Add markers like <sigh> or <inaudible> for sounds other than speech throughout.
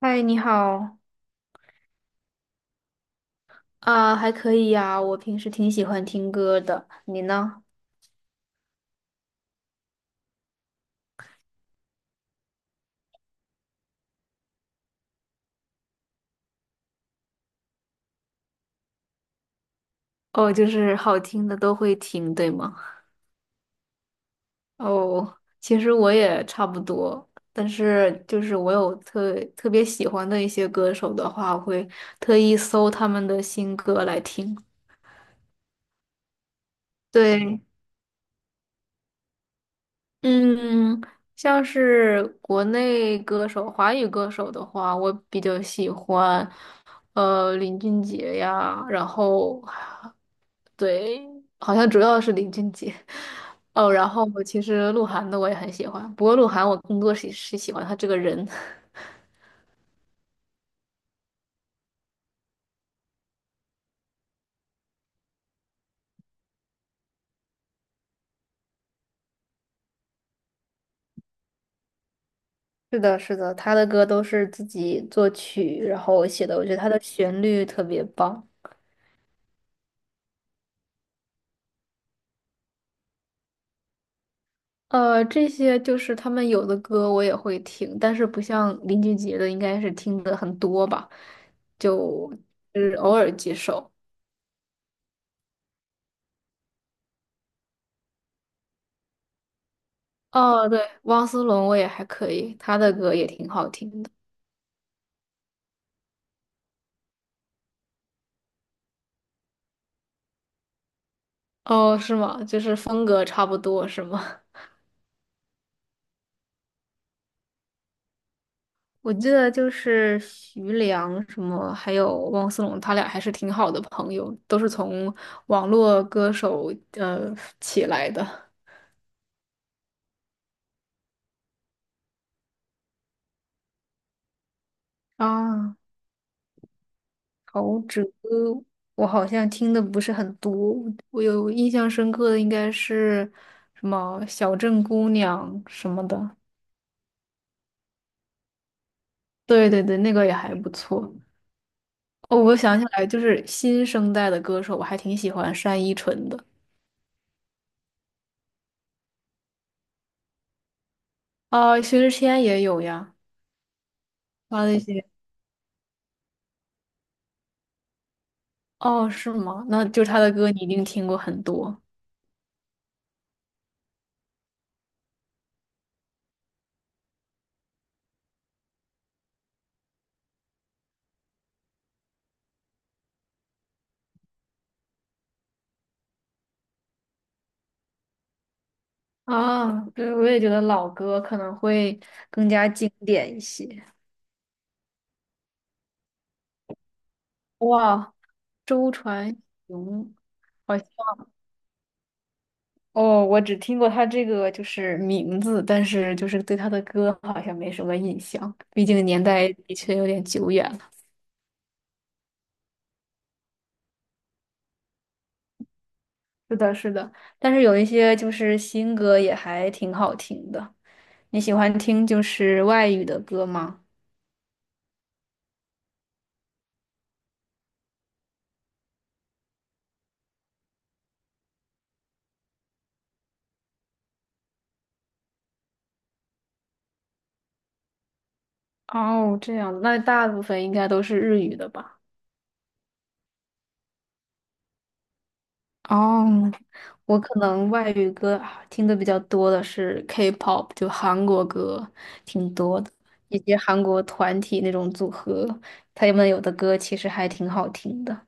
嗨，你好啊，还可以呀，我平时挺喜欢听歌的，你呢？哦，就是好听的都会听，对吗？哦，其实我也差不多，但是就是我有特别喜欢的一些歌手的话，我会特意搜他们的新歌来听。对，嗯，像是国内歌手、华语歌手的话，我比较喜欢，林俊杰呀，然后对，好像主要是林俊杰。<laughs> 哦，然后我其实鹿晗的我也很喜欢，不过鹿晗我更多是喜欢他这个人。<laughs> 是的，是的，他的歌都是自己作曲，然后写的，我觉得他的旋律特别棒。这些就是他们有的歌我也会听，但是不像林俊杰的，应该是听的很多吧，就是偶尔几首。哦，对，汪苏泷我也还可以，他的歌也挺好听的。哦，是吗？就是风格差不多，是吗？我记得就是徐良什么，还有汪苏泷，他俩还是挺好的朋友，都是从网络歌手起来的。啊，陶喆，我好像听的不是很多，我有印象深刻的应该是什么《小镇姑娘》什么的。对对对，那个也还不错。哦，我想起来，就是新生代的歌手，我还挺喜欢单依纯的。啊，薛之谦也有呀，他的一些。哦，是吗？那就是他的歌你一定听过很多啊。对，我也觉得老歌可能会更加经典一些。哇，周传雄，好像哦，我只听过他这个就是名字，但是就是对他的歌好像没什么印象，毕竟年代的确有点久远了。是的，是的，但是有一些就是新歌也还挺好听的。你喜欢听就是外语的歌吗？哦，这样，那大部分应该都是日语的吧？哦，我可能外语歌啊听的比较多的是 K-pop，就韩国歌挺多的，以及韩国团体那种组合，他们有的歌其实还挺好听的。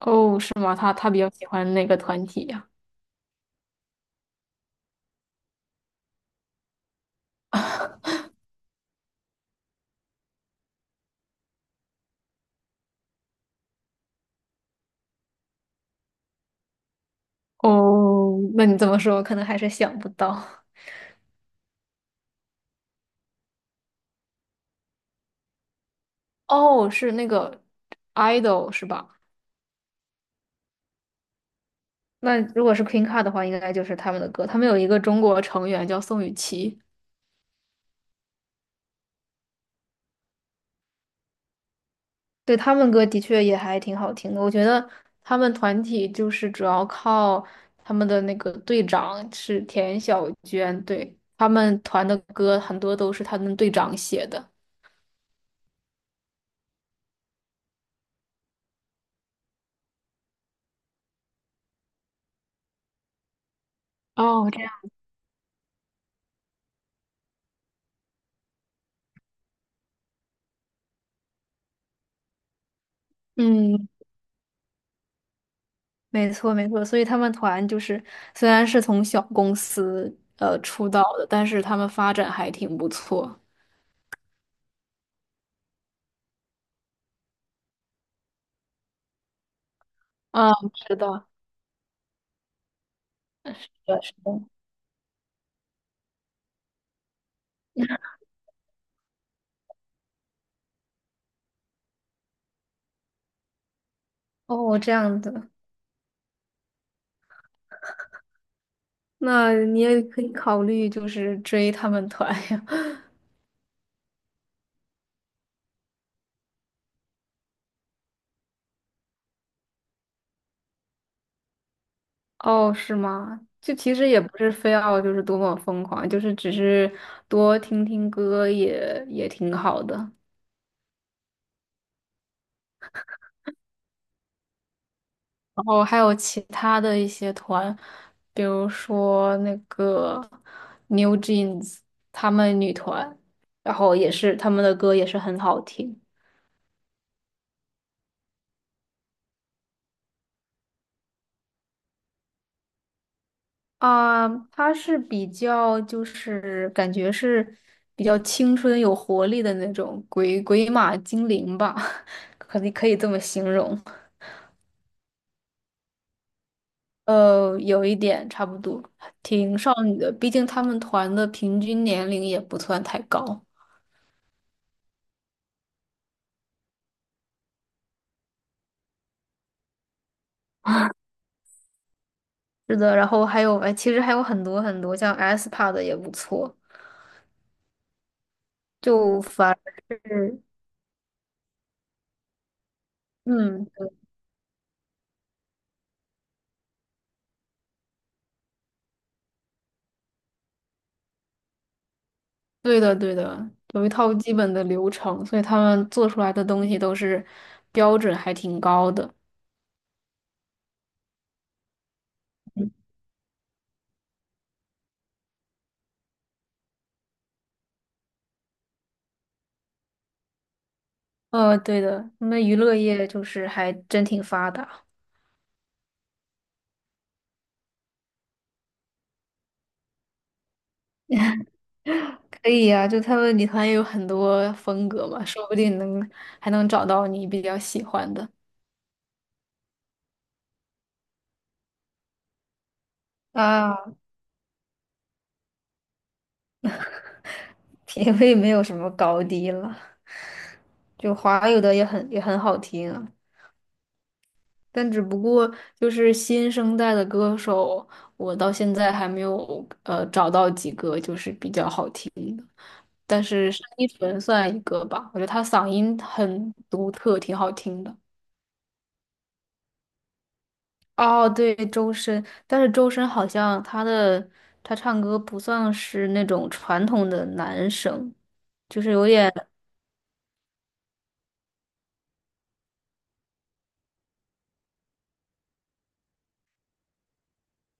哦，是吗？他比较喜欢哪个团体呀？哦，那你这么说，我可能还是想不到。哦，是那个 idol 是吧？那如果是 Queen Card 的话，应该就是他们的歌。他们有一个中国成员叫宋雨琦，对，他们歌的确也还挺好听的，我觉得他们团体就是主要靠他们的那个队长是田小娟，对，他们团的歌很多都是他们队长写的。哦，这样，嗯，没错没错，所以他们团就是虽然是从小公司出道的，但是他们发展还挺不错。啊，是的，是的。是的 <laughs> 哦，这样子，那你也可以考虑就是追他们团呀。哦，是吗？就其实也不是非要就是多么疯狂，就是只是多听听歌也挺好的。然后还有其他的一些团，比如说那个 New Jeans 他们女团，然后也是他们的歌也是很好听啊。它是比较就是感觉是比较青春有活力的那种鬼马精灵吧，<laughs> 可以可以这么形容。有一点差不多，挺少女的。毕竟他们团的平均年龄也不算太高。是的，然后还有，哎，其实还有很多很多，像 SPA 的也不错。就反而是，嗯，对的，对的，有一套基本的流程，所以他们做出来的东西都是标准还挺高的。嗯对的，他们娱乐业就是还真挺发达。可以呀、就他们女团也有很多风格嘛，说不定能还能找到你比较喜欢的。啊，品味没有什么高低了，就华语的也很好听啊，但只不过就是新生代的歌手，我到现在还没有找到几个就是比较好听的，但是单依纯算一个吧，我觉得她嗓音很独特，挺好听的。哦，对，周深，但是周深好像他唱歌不算是那种传统的男生，就是有点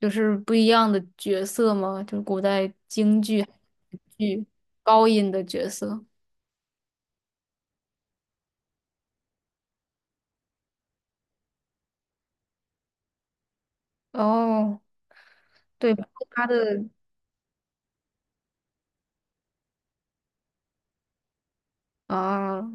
就是不一样的角色嘛，就是古代京剧高音的角色。哦，对，包括他的啊，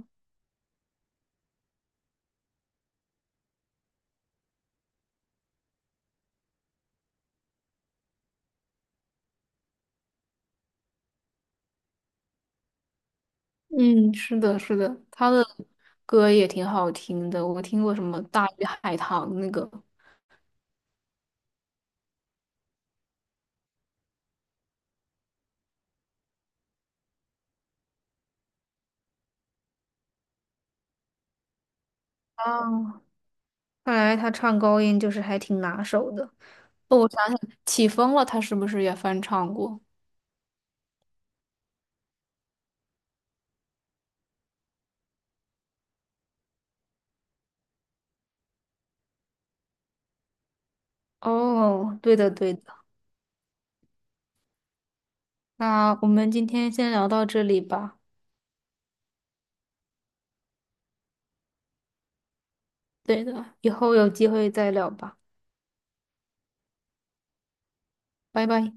嗯，是的，是的，他的歌也挺好听的，我听过什么《大鱼海棠》那个。哦，看来他唱高音就是还挺拿手的。哦，我想想，起风了，他是不是也翻唱过？哦，对的对的，那我们今天先聊到这里吧。对的，以后有机会再聊吧，拜拜。